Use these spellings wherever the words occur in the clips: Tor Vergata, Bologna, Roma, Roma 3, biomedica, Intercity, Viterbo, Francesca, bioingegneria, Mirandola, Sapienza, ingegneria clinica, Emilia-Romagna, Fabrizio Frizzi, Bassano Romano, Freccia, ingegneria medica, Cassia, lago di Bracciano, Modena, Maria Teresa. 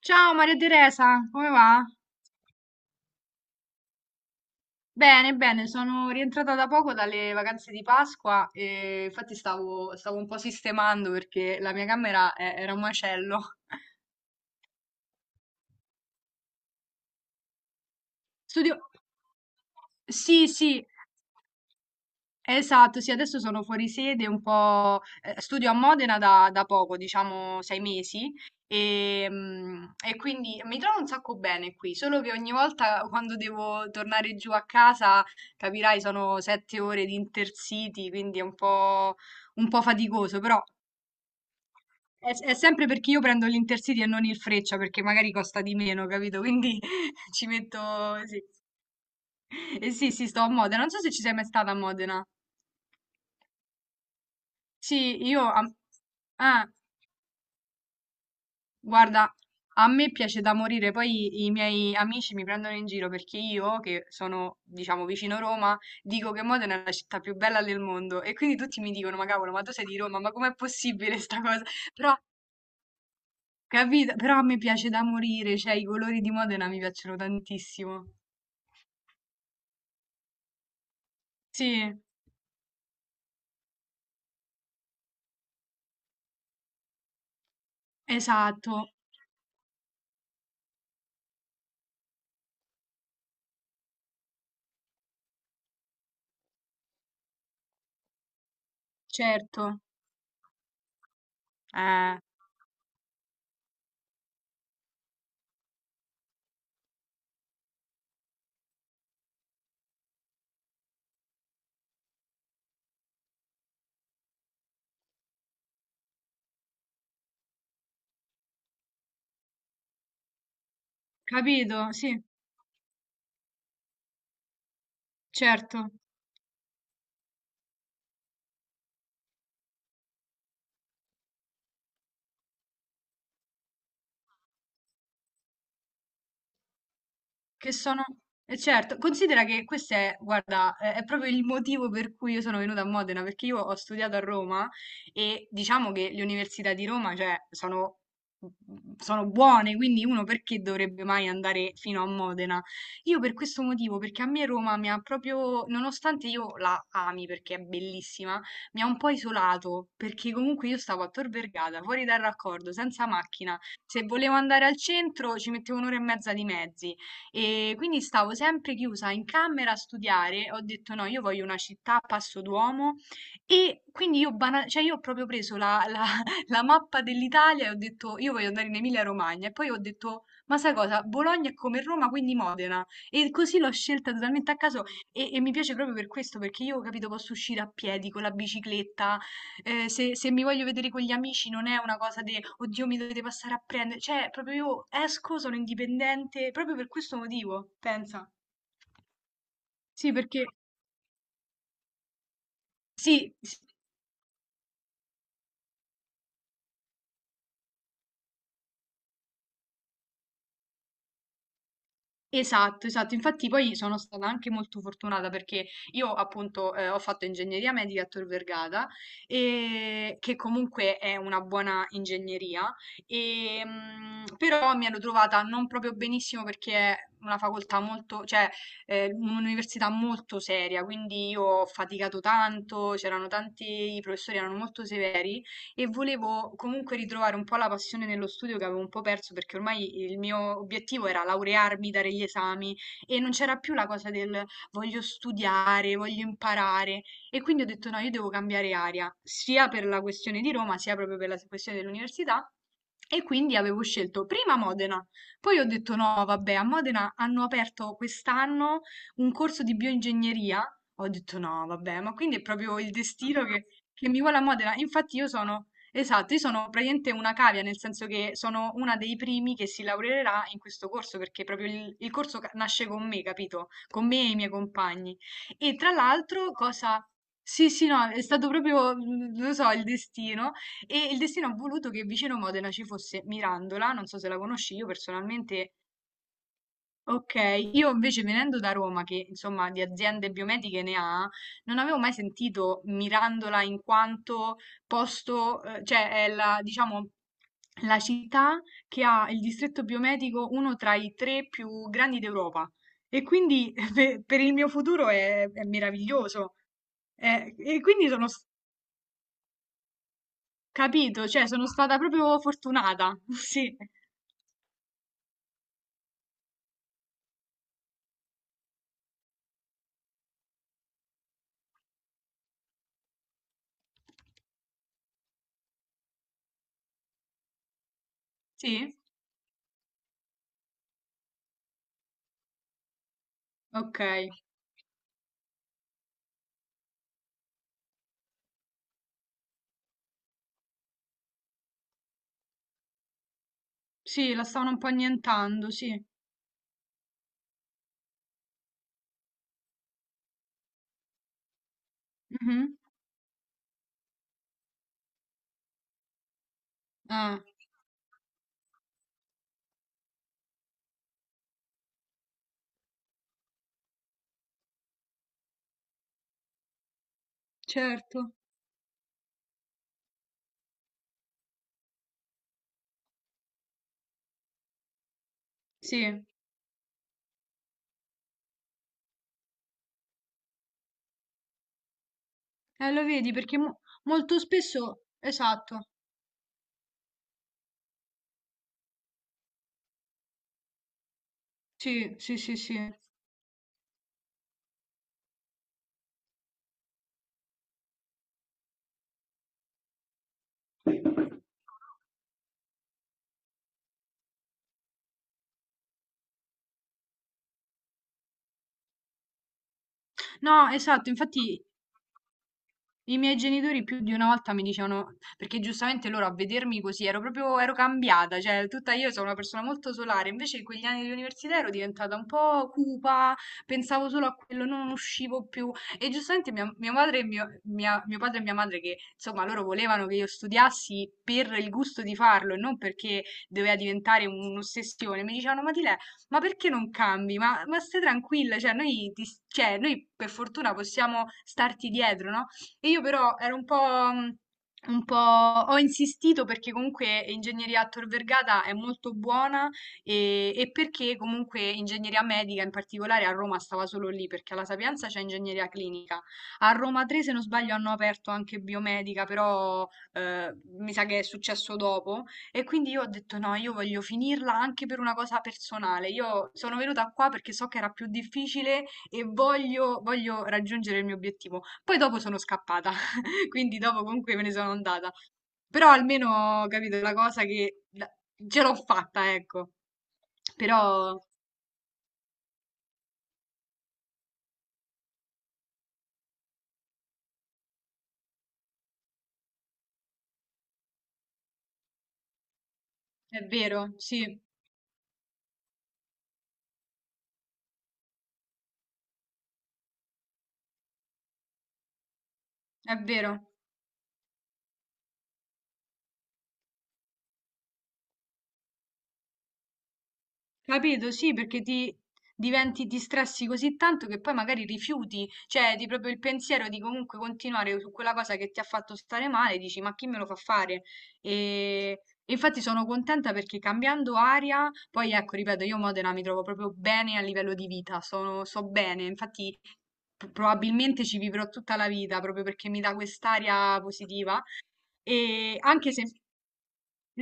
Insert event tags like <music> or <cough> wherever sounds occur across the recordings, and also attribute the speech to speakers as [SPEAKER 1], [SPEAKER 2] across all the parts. [SPEAKER 1] Ciao Maria Teresa, come va? Bene, bene, sono rientrata da poco dalle vacanze di Pasqua e infatti stavo un po' sistemando perché la mia camera era un macello. <laughs> Studio... Sì, sì, esatto, sì, adesso sono fuori sede un po', studio a Modena da poco, diciamo 6 mesi, e quindi mi trovo un sacco bene qui, solo che ogni volta quando devo tornare giù a casa, capirai, sono 7 ore di Intercity, quindi è un po' faticoso, però è sempre perché io prendo l'Intercity e non il Freccia, perché magari costa di meno, capito? Quindi <laughs> ci metto sì. Eh sì, sì, sto a Modena, non so se ci sei mai stata a Modena. Sì, ah, guarda, a me piace da morire, poi i miei amici mi prendono in giro perché io, che sono, diciamo, vicino Roma, dico che Modena è la città più bella del mondo e quindi tutti mi dicono, ma cavolo, ma tu sei di Roma, ma com'è possibile sta cosa? Però, capito? Però a me piace da morire, cioè i colori di Modena mi piacciono tantissimo. Sì, esatto, certo, eh, capito? Sì, certo. Che sono eh certo, considera che questo è guarda, è proprio il motivo per cui io sono venuta a Modena, perché io ho studiato a Roma e diciamo che le università di Roma, cioè, sono buone, quindi uno perché dovrebbe mai andare fino a Modena? Io per questo motivo, perché a me Roma mi ha proprio, nonostante io la ami perché è bellissima, mi ha un po' isolato, perché comunque io stavo a Tor Vergata, fuori dal raccordo, senza macchina. Se volevo andare al centro ci mettevo un'ora e mezza di mezzi. E quindi stavo sempre chiusa in camera a studiare, ho detto no, io voglio una città a passo d'uomo e quindi cioè, io ho proprio preso <laughs> la mappa dell'Italia e ho detto io voglio andare in Emilia-Romagna e poi ho detto ma sai cosa, Bologna è come Roma, quindi Modena e così l'ho scelta totalmente a caso e mi piace proprio per questo perché io, capito, posso uscire a piedi con la bicicletta, se mi voglio vedere con gli amici non è una cosa di oddio mi dovete passare a prendere, cioè proprio io esco, sono indipendente, proprio per questo motivo, pensa. Sì, perché sì, sì, esatto, esatto. Infatti poi sono stata anche molto fortunata perché io appunto, ho fatto ingegneria medica a Tor Vergata, che comunque è una buona ingegneria, però mi ero trovata non proprio benissimo perché è una facoltà molto cioè, un'università molto seria, quindi io ho faticato tanto, c'erano tanti i professori erano molto severi e volevo comunque ritrovare un po' la passione nello studio che avevo un po' perso perché ormai il mio obiettivo era laurearmi, dare gli esami e non c'era più la cosa del voglio studiare, voglio imparare e quindi ho detto no, io devo cambiare aria, sia per la questione di Roma, sia proprio per la questione dell'università e quindi avevo scelto prima Modena, poi ho detto no, vabbè, a Modena hanno aperto quest'anno un corso di bioingegneria. Ho detto no, vabbè, ma quindi è proprio il destino che mi vuole a Modena. Infatti io sono, esatto, io sono praticamente una cavia, nel senso che sono una dei primi che si laureerà in questo corso, perché proprio il nasce con me, capito? Con me e i miei compagni. E tra l'altro, cosa... Sì, sì, no, è stato proprio, mm, lo so, il destino. E il destino ha voluto che vicino Modena ci fosse Mirandola, non so se la conosci, io personalmente, ok, io invece venendo da Roma, che insomma di aziende biomediche ne ha, non avevo mai sentito Mirandola in quanto posto, cioè è la, diciamo, la città che ha il distretto biomedico uno tra i tre più grandi d'Europa. E quindi <laughs> per il mio futuro è meraviglioso. E quindi sono capito, cioè sono stata proprio fortunata. <laughs> Sì. Sì? Okay. Sì, la stavano un po' annientando, sì. Mh-mh. Eh, certo. Sì. Lo vedi perché mo molto spesso esatto. Sì, sì, sì, sì. No, esatto, infatti i miei genitori più di una volta mi dicevano, perché giustamente loro a vedermi così ero proprio, ero cambiata, cioè tutta io sono una persona molto solare, invece in quegli anni di università ero diventata un po' cupa, pensavo solo a quello, non uscivo più e giustamente mio padre e mio padre e mia madre che insomma loro volevano che io studiassi per il gusto di farlo e non perché doveva diventare un'ossessione, mi dicevano ma ti ma perché non cambi? Ma stai tranquilla, cioè noi, cioè, noi per fortuna possiamo starti dietro, no? E io però ero un po'... mm, un po' ho insistito perché comunque ingegneria a Tor Vergata è molto buona e perché comunque ingegneria medica in particolare a Roma stava solo lì perché alla Sapienza c'è ingegneria clinica. A Roma 3, se non sbaglio, hanno aperto anche biomedica, però mi sa che è successo dopo. E quindi io ho detto no, io voglio finirla anche per una cosa personale. Io sono venuta qua perché so che era più difficile e voglio raggiungere il mio obiettivo. Poi dopo sono scappata, <laughs> quindi dopo comunque me ne sono andata. Però almeno ho capito la cosa che ce l'ho fatta, ecco. Però è vero, sì, è vero. Capito? Sì, perché ti diventi distressi così tanto che poi magari rifiuti, cioè di proprio il pensiero di comunque continuare su quella cosa che ti ha fatto stare male, dici ma chi me lo fa fare? E e infatti sono contenta perché cambiando aria, poi ecco, ripeto, io Modena mi trovo proprio bene a livello di vita, sono, so bene, infatti probabilmente ci vivrò tutta la vita proprio perché mi dà quest'aria positiva e anche se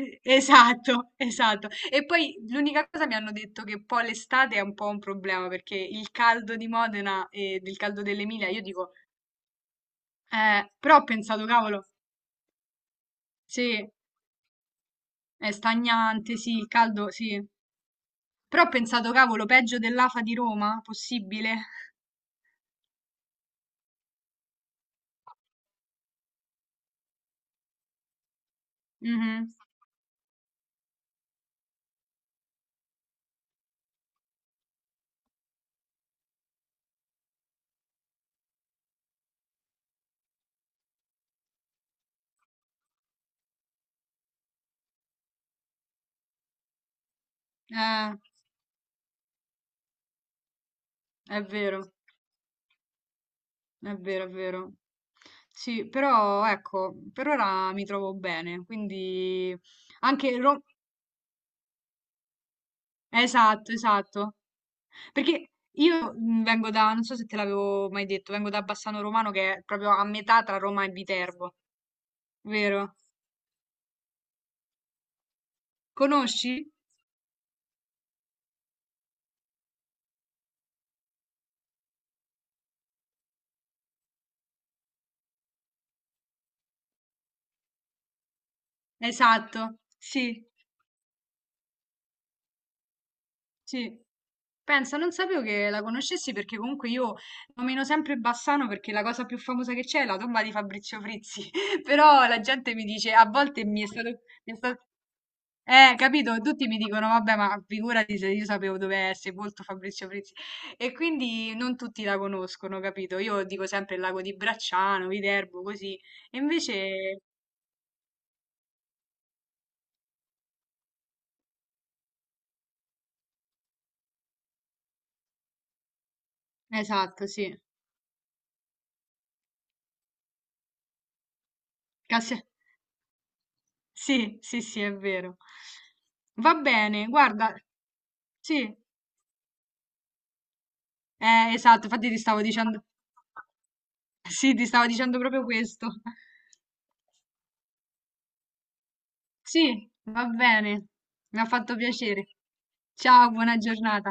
[SPEAKER 1] esatto, <laughs> esatto. E poi l'unica cosa mi hanno detto che poi l'estate è un po' un problema perché il caldo di Modena e del caldo dell'Emilia, io dico, però ho pensato, cavolo, sì, è stagnante, sì, il caldo, sì. Però ho pensato, cavolo, peggio dell'AFA di Roma? Possibile? Mhm. Eh, è vero, è vero, è vero. Sì, però ecco, per ora mi trovo bene, quindi anche Roma... Esatto, esatto. Perché io, mhmm, vengo da non so se te l'avevo mai detto, vengo da Bassano Romano che è proprio a metà tra Roma e Viterbo, vero? Conosci? Esatto, sì, sì. Pensa, non sapevo che la conoscessi perché comunque io nomino sempre Bassano perché la cosa più famosa che c'è è la tomba di Fabrizio Frizzi, <laughs> però la gente mi dice a volte mi è stato mi è sta eh, capito? Tutti mi dicono, vabbè, ma figurati se io sapevo dove è sepolto Fabrizio Frizzi. E quindi non tutti la conoscono, capito? Io dico sempre il lago di Bracciano, Viterbo, così. E invece, esatto, sì. Cassia- sì, sì, sì, è vero. Va bene, guarda, sì, esatto, infatti ti stavo dicendo, <laughs> sì, ti stavo dicendo proprio questo. Sì, va bene, mi ha fatto piacere. Ciao, buona giornata.